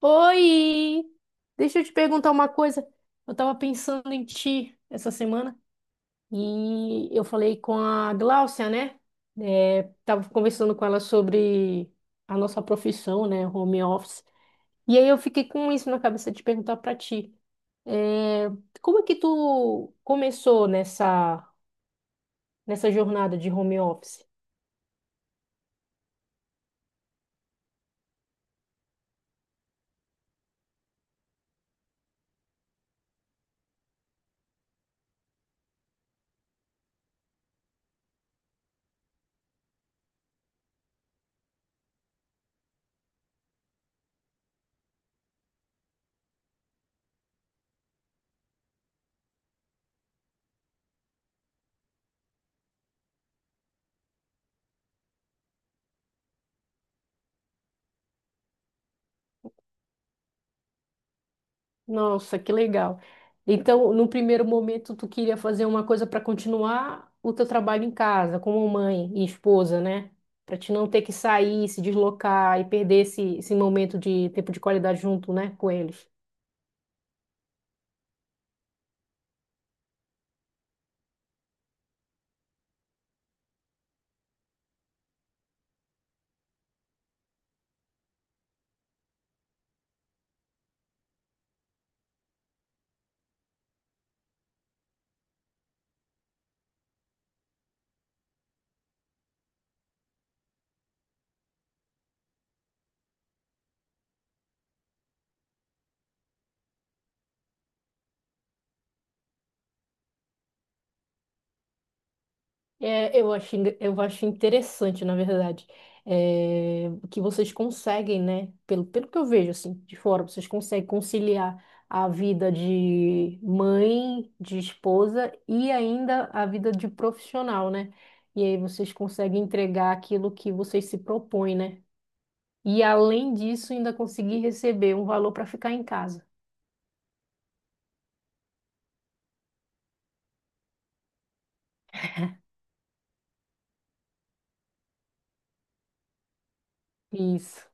Oi! Deixa eu te perguntar uma coisa. Eu tava pensando em ti essa semana e eu falei com a Gláucia, né? Tava conversando com ela sobre a nossa profissão, né? Home office. E aí eu fiquei com isso na cabeça de perguntar pra ti. É, Como é que tu começou nessa jornada de home office? Nossa, que legal. Então, no primeiro momento, tu queria fazer uma coisa para continuar o teu trabalho em casa, como mãe e esposa, né? Para te não ter que sair, se deslocar e perder esse momento de tempo de qualidade junto, né, com eles. É, eu acho, eu acho interessante, na verdade, que vocês conseguem, né? Pelo que eu vejo, assim, de fora, vocês conseguem conciliar a vida de mãe, de esposa e ainda a vida de profissional, né? E aí vocês conseguem entregar aquilo que vocês se propõem, né? E além disso, ainda conseguir receber um valor para ficar em casa. Isso.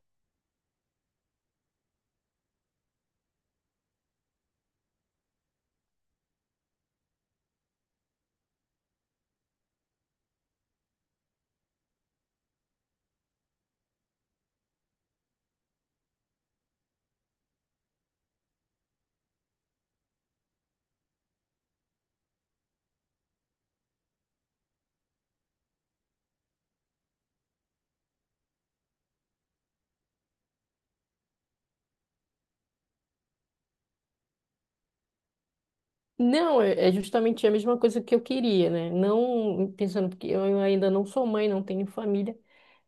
Não, é justamente a mesma coisa que eu queria, né? Não pensando porque eu ainda não sou mãe, não tenho família,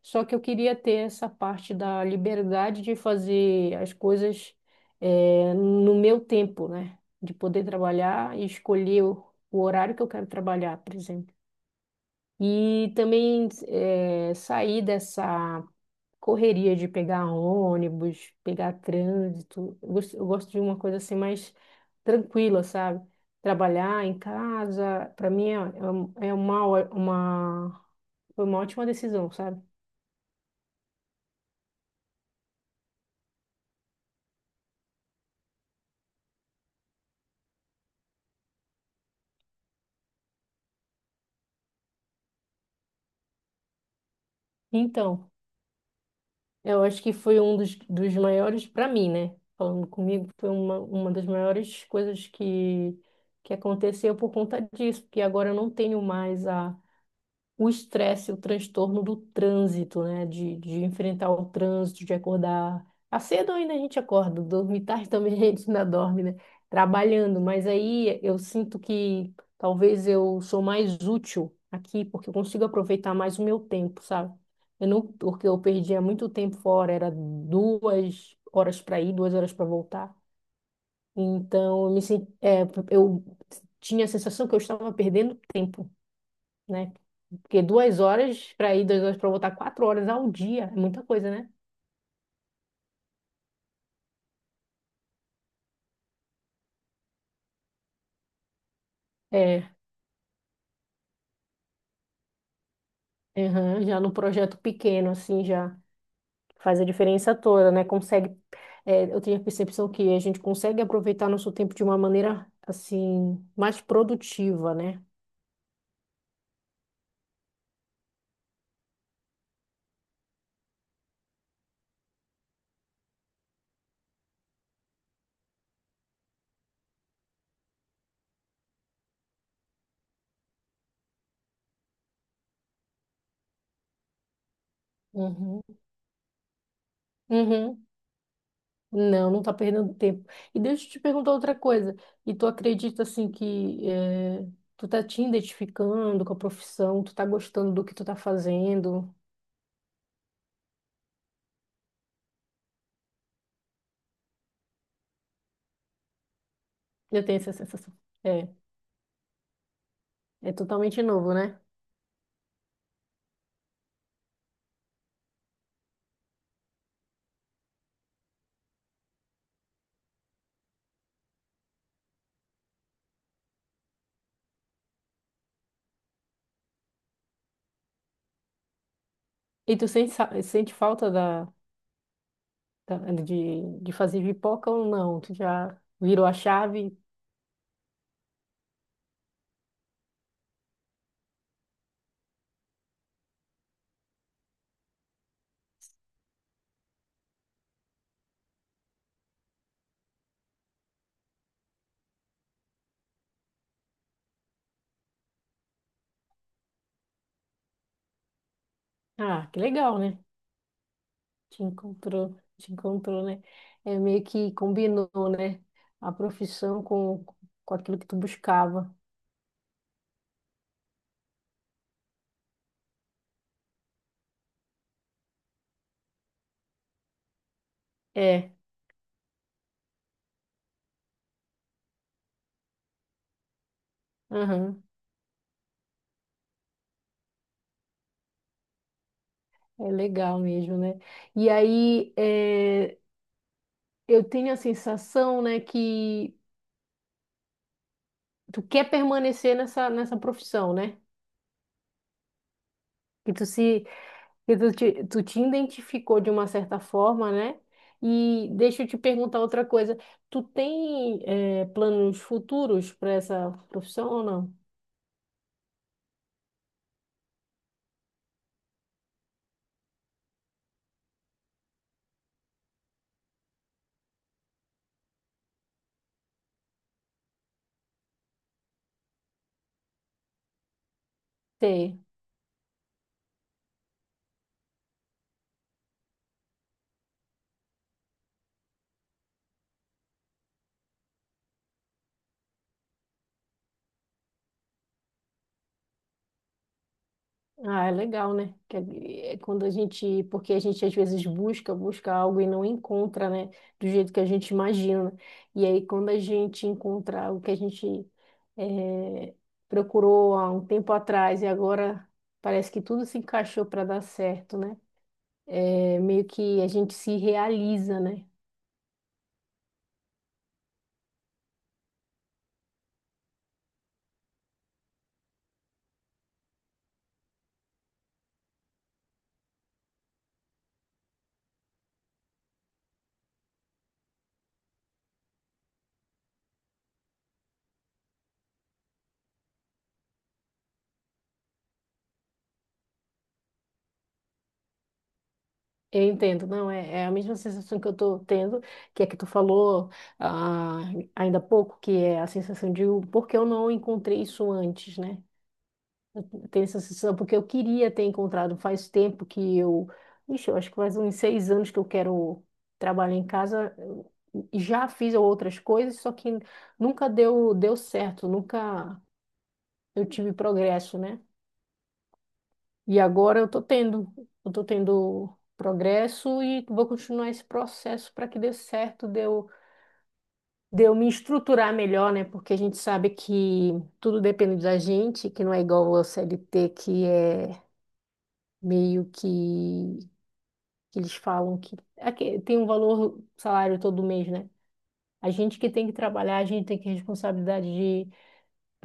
só que eu queria ter essa parte da liberdade de fazer as coisas no meu tempo, né? De poder trabalhar e escolher o horário que eu quero trabalhar, por exemplo. E também sair dessa correria de pegar ônibus, pegar trânsito. Eu gosto de uma coisa assim mais tranquila, sabe? Trabalhar em casa, para mim foi uma ótima decisão, sabe? Então, eu acho que foi um dos maiores, para mim, né? Falando comigo, foi uma das maiores coisas que aconteceu por conta disso, porque agora eu não tenho mais o estresse, o transtorno do trânsito, né? De enfrentar o trânsito, de acordar. A cedo ainda a gente acorda, dormir tarde também a gente ainda dorme, né? Trabalhando, mas aí eu sinto que talvez eu sou mais útil aqui, porque eu consigo aproveitar mais o meu tempo, sabe? Eu não, porque eu perdia muito tempo fora, era 2 horas para ir, 2 horas para voltar. Então, eu me senti, é, eu tinha a sensação que eu estava perdendo tempo, né? Porque 2 horas para ir, duas horas para voltar, 4 horas ao dia, é muita coisa, né? É, aham, já no projeto pequeno, assim, já faz a diferença toda, né? Consegue, é, eu tenho a percepção que a gente consegue aproveitar nosso tempo de uma maneira, assim, mais produtiva, né? Uhum. Uhum. Não, não tá perdendo tempo. E deixa eu te perguntar outra coisa. E tu acredita, assim, que tu tá te identificando com a profissão, tu tá gostando do que tu tá fazendo? Eu tenho essa sensação. É, é totalmente novo, né? E tu sente, sente falta da- de fazer pipoca ou não? Tu já virou a chave? Ah, que legal, né? Te encontrou, né? É meio que combinou, né? A profissão com aquilo que tu buscava. É, aham, é legal mesmo, né? E aí, é, eu tenho a sensação, né, que tu quer permanecer nessa profissão, né? Que tu se que tu te identificou de uma certa forma, né? E deixa eu te perguntar outra coisa. Tu tem planos futuros para essa profissão ou não? Tem. Ah, é legal, né? Que é quando a gente, porque a gente às vezes busca algo e não encontra, né? Do jeito que a gente imagina. E aí quando a gente encontra o que a gente eh, procurou há um tempo atrás e agora parece que tudo se encaixou para dar certo, né? É, meio que a gente se realiza, né? Eu entendo, não, é a mesma sensação que eu tô tendo, que é que tu falou ah, ainda há pouco, que é a sensação de por que eu não encontrei isso antes, né? Eu tenho essa sensação porque eu queria ter encontrado faz tempo ixi, eu acho que faz uns 6 anos que eu quero trabalhar em casa, eu já fiz outras coisas, só que nunca deu certo, nunca eu tive progresso, né? E agora eu tô tendo progresso e vou continuar esse processo para que dê certo, de eu me estruturar melhor, né? Porque a gente sabe que tudo depende da gente, que não é igual ao CLT, que é meio que eles falam que aqui tem um valor salário todo mês, né? A gente que tem que trabalhar, a gente tem que ter responsabilidade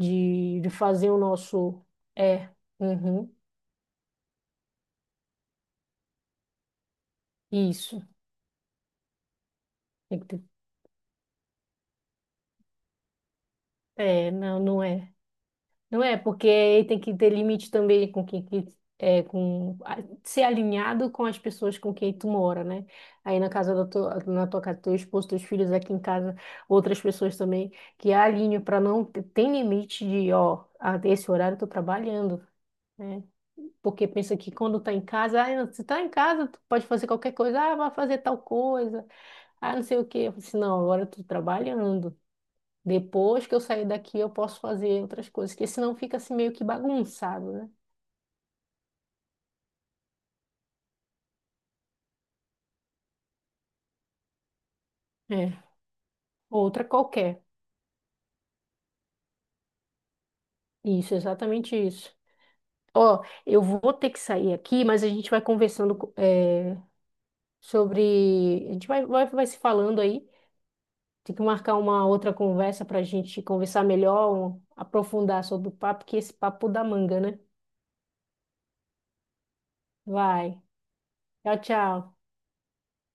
de fazer o nosso. É, uhum, isso. Tem que ter- É, não, não é. Não é, porque aí tem que ter limite também com quem que é com a- ser alinhado com as pessoas com quem tu mora, né? Aí na casa na tua casa, teu esposo, teus filhos aqui em casa, outras pessoas também que alinham para não ter- tem limite de, ó, até esse horário eu tô trabalhando, né? Porque pensa que quando tá em casa, ah, se tá em casa, tu pode fazer qualquer coisa, ah, vai fazer tal coisa, ah, não sei o quê. Eu falo assim, não, agora eu tô trabalhando. Depois que eu sair daqui, eu posso fazer outras coisas, porque senão fica assim meio que bagunçado, né? É, outra qualquer. Isso, exatamente isso. Ó, eu vou ter que sair aqui, mas a gente vai conversando é, sobre. A gente vai se falando aí. Tem que marcar uma outra conversa para a gente conversar melhor, um- aprofundar sobre o papo, que esse papo dá manga, né? Vai. Tchau, tchau.